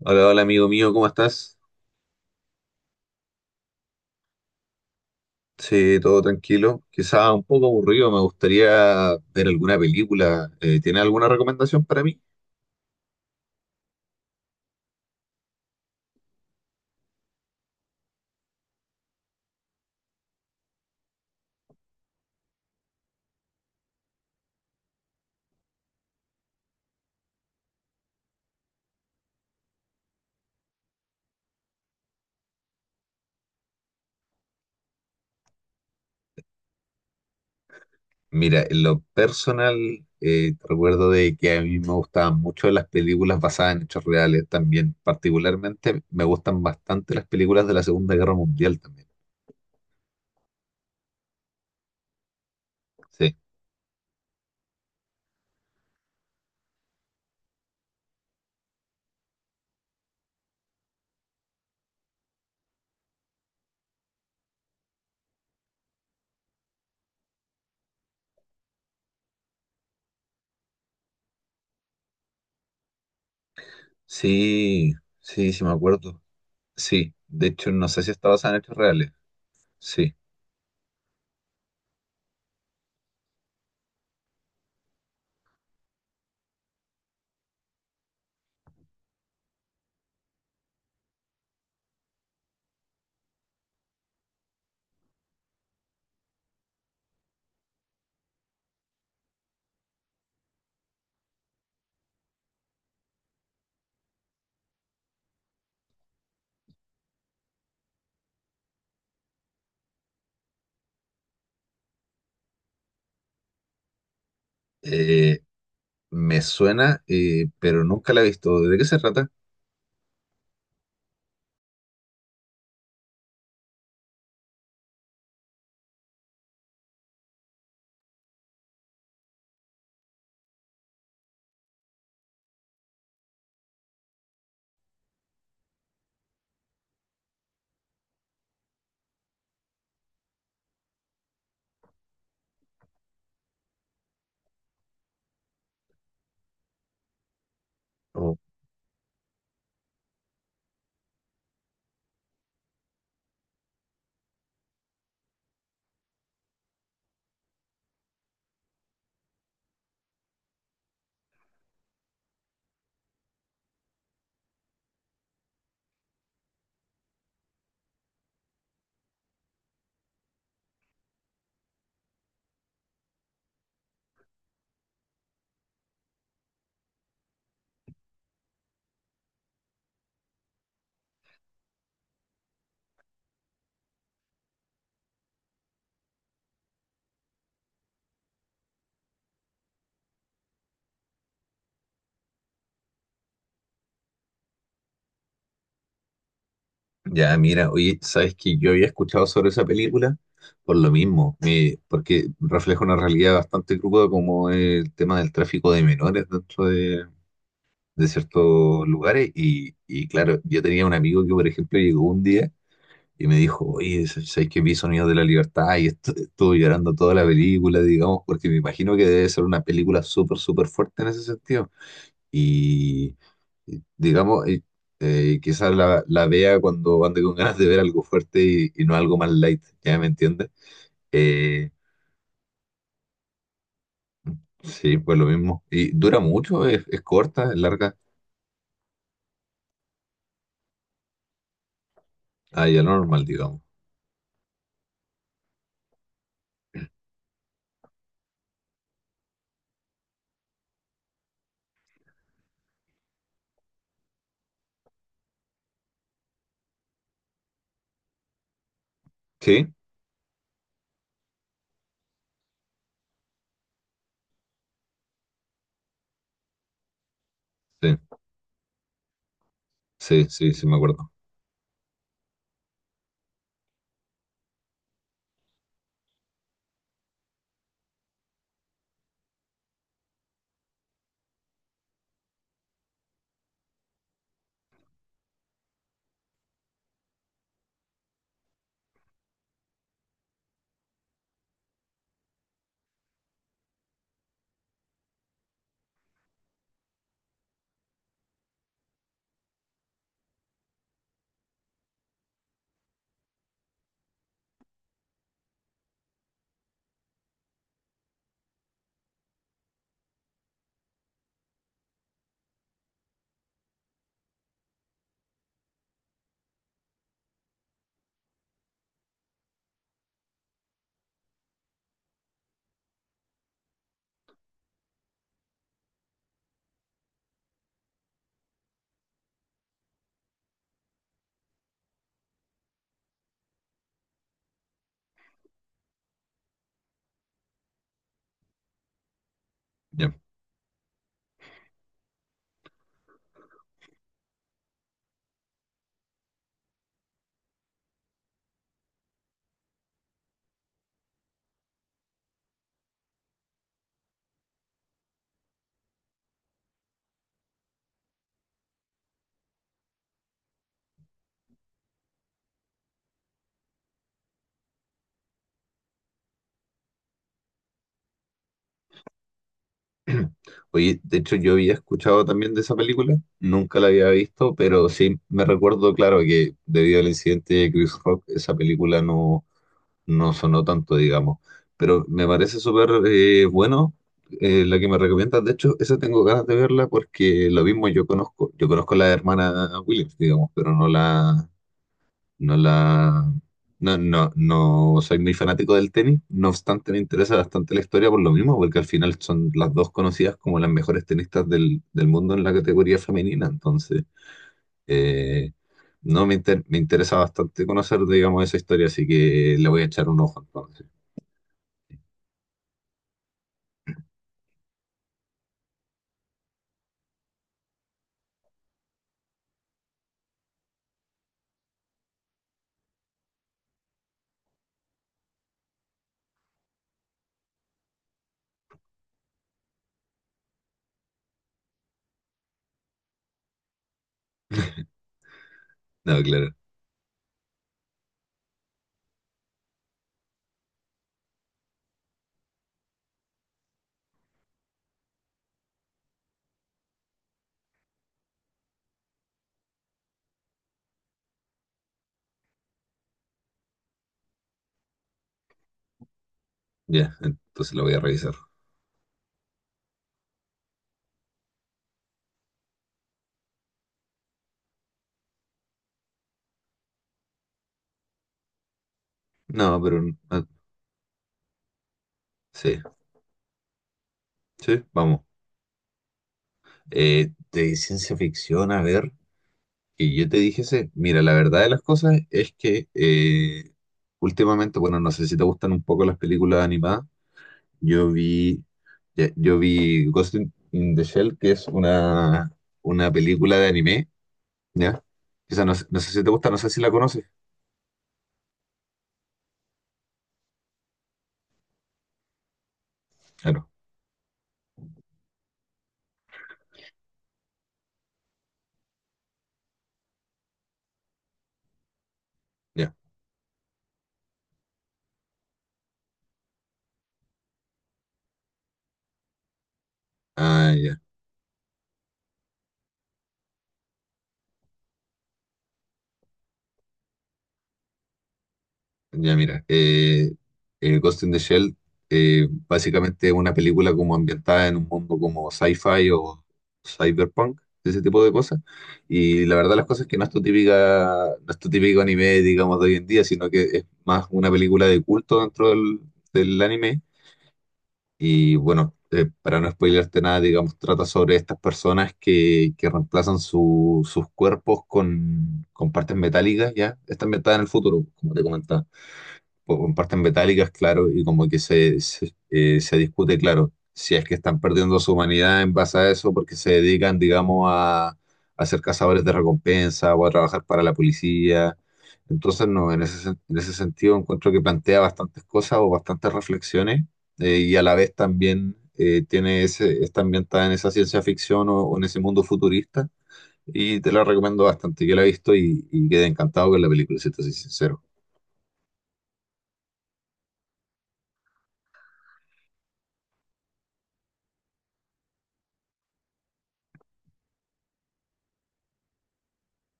Hola, hola amigo mío, ¿cómo estás? Sí, todo tranquilo. Quizás un poco aburrido, me gustaría ver alguna película. ¿Tiene alguna recomendación para mí? Mira, en lo personal, te recuerdo de que a mí me gustaban mucho las películas basadas en hechos reales también. Particularmente me gustan bastante las películas de la Segunda Guerra Mundial también. Sí, sí, sí, sí me acuerdo. Sí, de hecho no sé si está basada en hechos reales. Sí. Eh, Me suena, pero nunca la he visto. ¿De qué se trata? Oh, ya, mira, oye, sabes que yo había escuchado sobre esa película por lo mismo, porque refleja una realidad bastante cruda como el tema del tráfico de menores dentro de ciertos lugares. Y claro, yo tenía un amigo que, por ejemplo, llegó un día y me dijo, oye, sabes que vi Sonidos de la Libertad y estuve llorando toda la película, digamos, porque me imagino que debe ser una película súper, súper fuerte en ese sentido. Y, digamos, quizás la vea cuando ande con ganas de ver algo fuerte y no algo más light, ¿ya me entiendes? Eh, sí, pues lo mismo. Y dura mucho, es corta, es larga, ah, ya lo normal, digamos. Sí, sí, sí, sí, sí, me acuerdo. Ya. Oye, de hecho yo había escuchado también de esa película, nunca la había visto, pero sí me recuerdo, claro, que debido al incidente de Chris Rock, esa película no sonó tanto, digamos. Pero me parece súper bueno, la que me recomiendas. De hecho, esa tengo ganas de verla porque lo mismo yo conozco. Yo conozco a la hermana Williams, digamos, pero no no la, no, no, no soy muy fanático del tenis. No obstante, me interesa bastante la historia por lo mismo, porque al final son las dos conocidas como las mejores tenistas del mundo en la categoría femenina. Entonces, eh, no me, inter- me interesa bastante conocer, digamos, esa historia, así que le voy a echar un ojo entonces. No, claro. Ya, entonces lo voy a revisar. No, pero ah, sí, sí, vamos. De ciencia ficción, a ver, que yo te dije ese. Mira, la verdad de las cosas es que últimamente, bueno, no sé si te gustan un poco las películas animadas. Yo vi, ya, yo vi in the Shell, que es una película de anime, ¿ya? Esa no, sé no sé si te gusta, no sé si la conoces. Claro, ya. Ah, ya. Ya mira, Ghost in the Shell, básicamente es una película como ambientada en un mundo como sci-fi o cyberpunk, ese tipo de cosas. Y la verdad las cosas es que no es tu típica, no es tu típico anime, digamos, de hoy en día, sino que es más una película de culto dentro del anime. Y bueno, para no spoilearte nada, digamos, trata sobre estas personas que reemplazan sus cuerpos con partes metálicas, ¿ya? Está ambientada en el futuro, como te comentaba pues comparten metálicas, claro, y como que se discute, claro, si es que están perdiendo su humanidad en base a eso porque se dedican, digamos, a ser cazadores de recompensa o a trabajar para la policía. Entonces, no, en en ese sentido encuentro que plantea bastantes cosas o bastantes reflexiones, y a la vez también tiene ese, está ambientada en esa ciencia ficción o en ese mundo futurista. Y te la recomiendo bastante. Yo la he visto y quedé encantado con la película, si te soy sincero.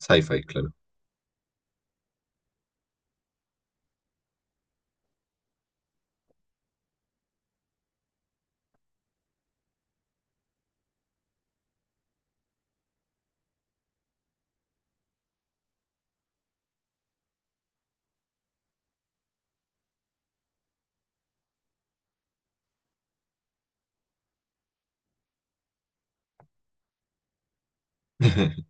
Sci-fi, claro.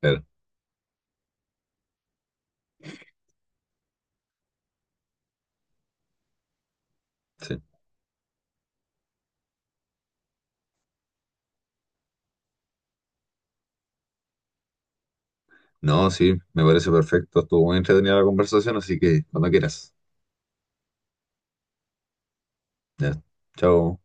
Claro, sí. No, sí, me parece perfecto. Estuvo muy entretenida la conversación, así que cuando quieras. Ya. Chao.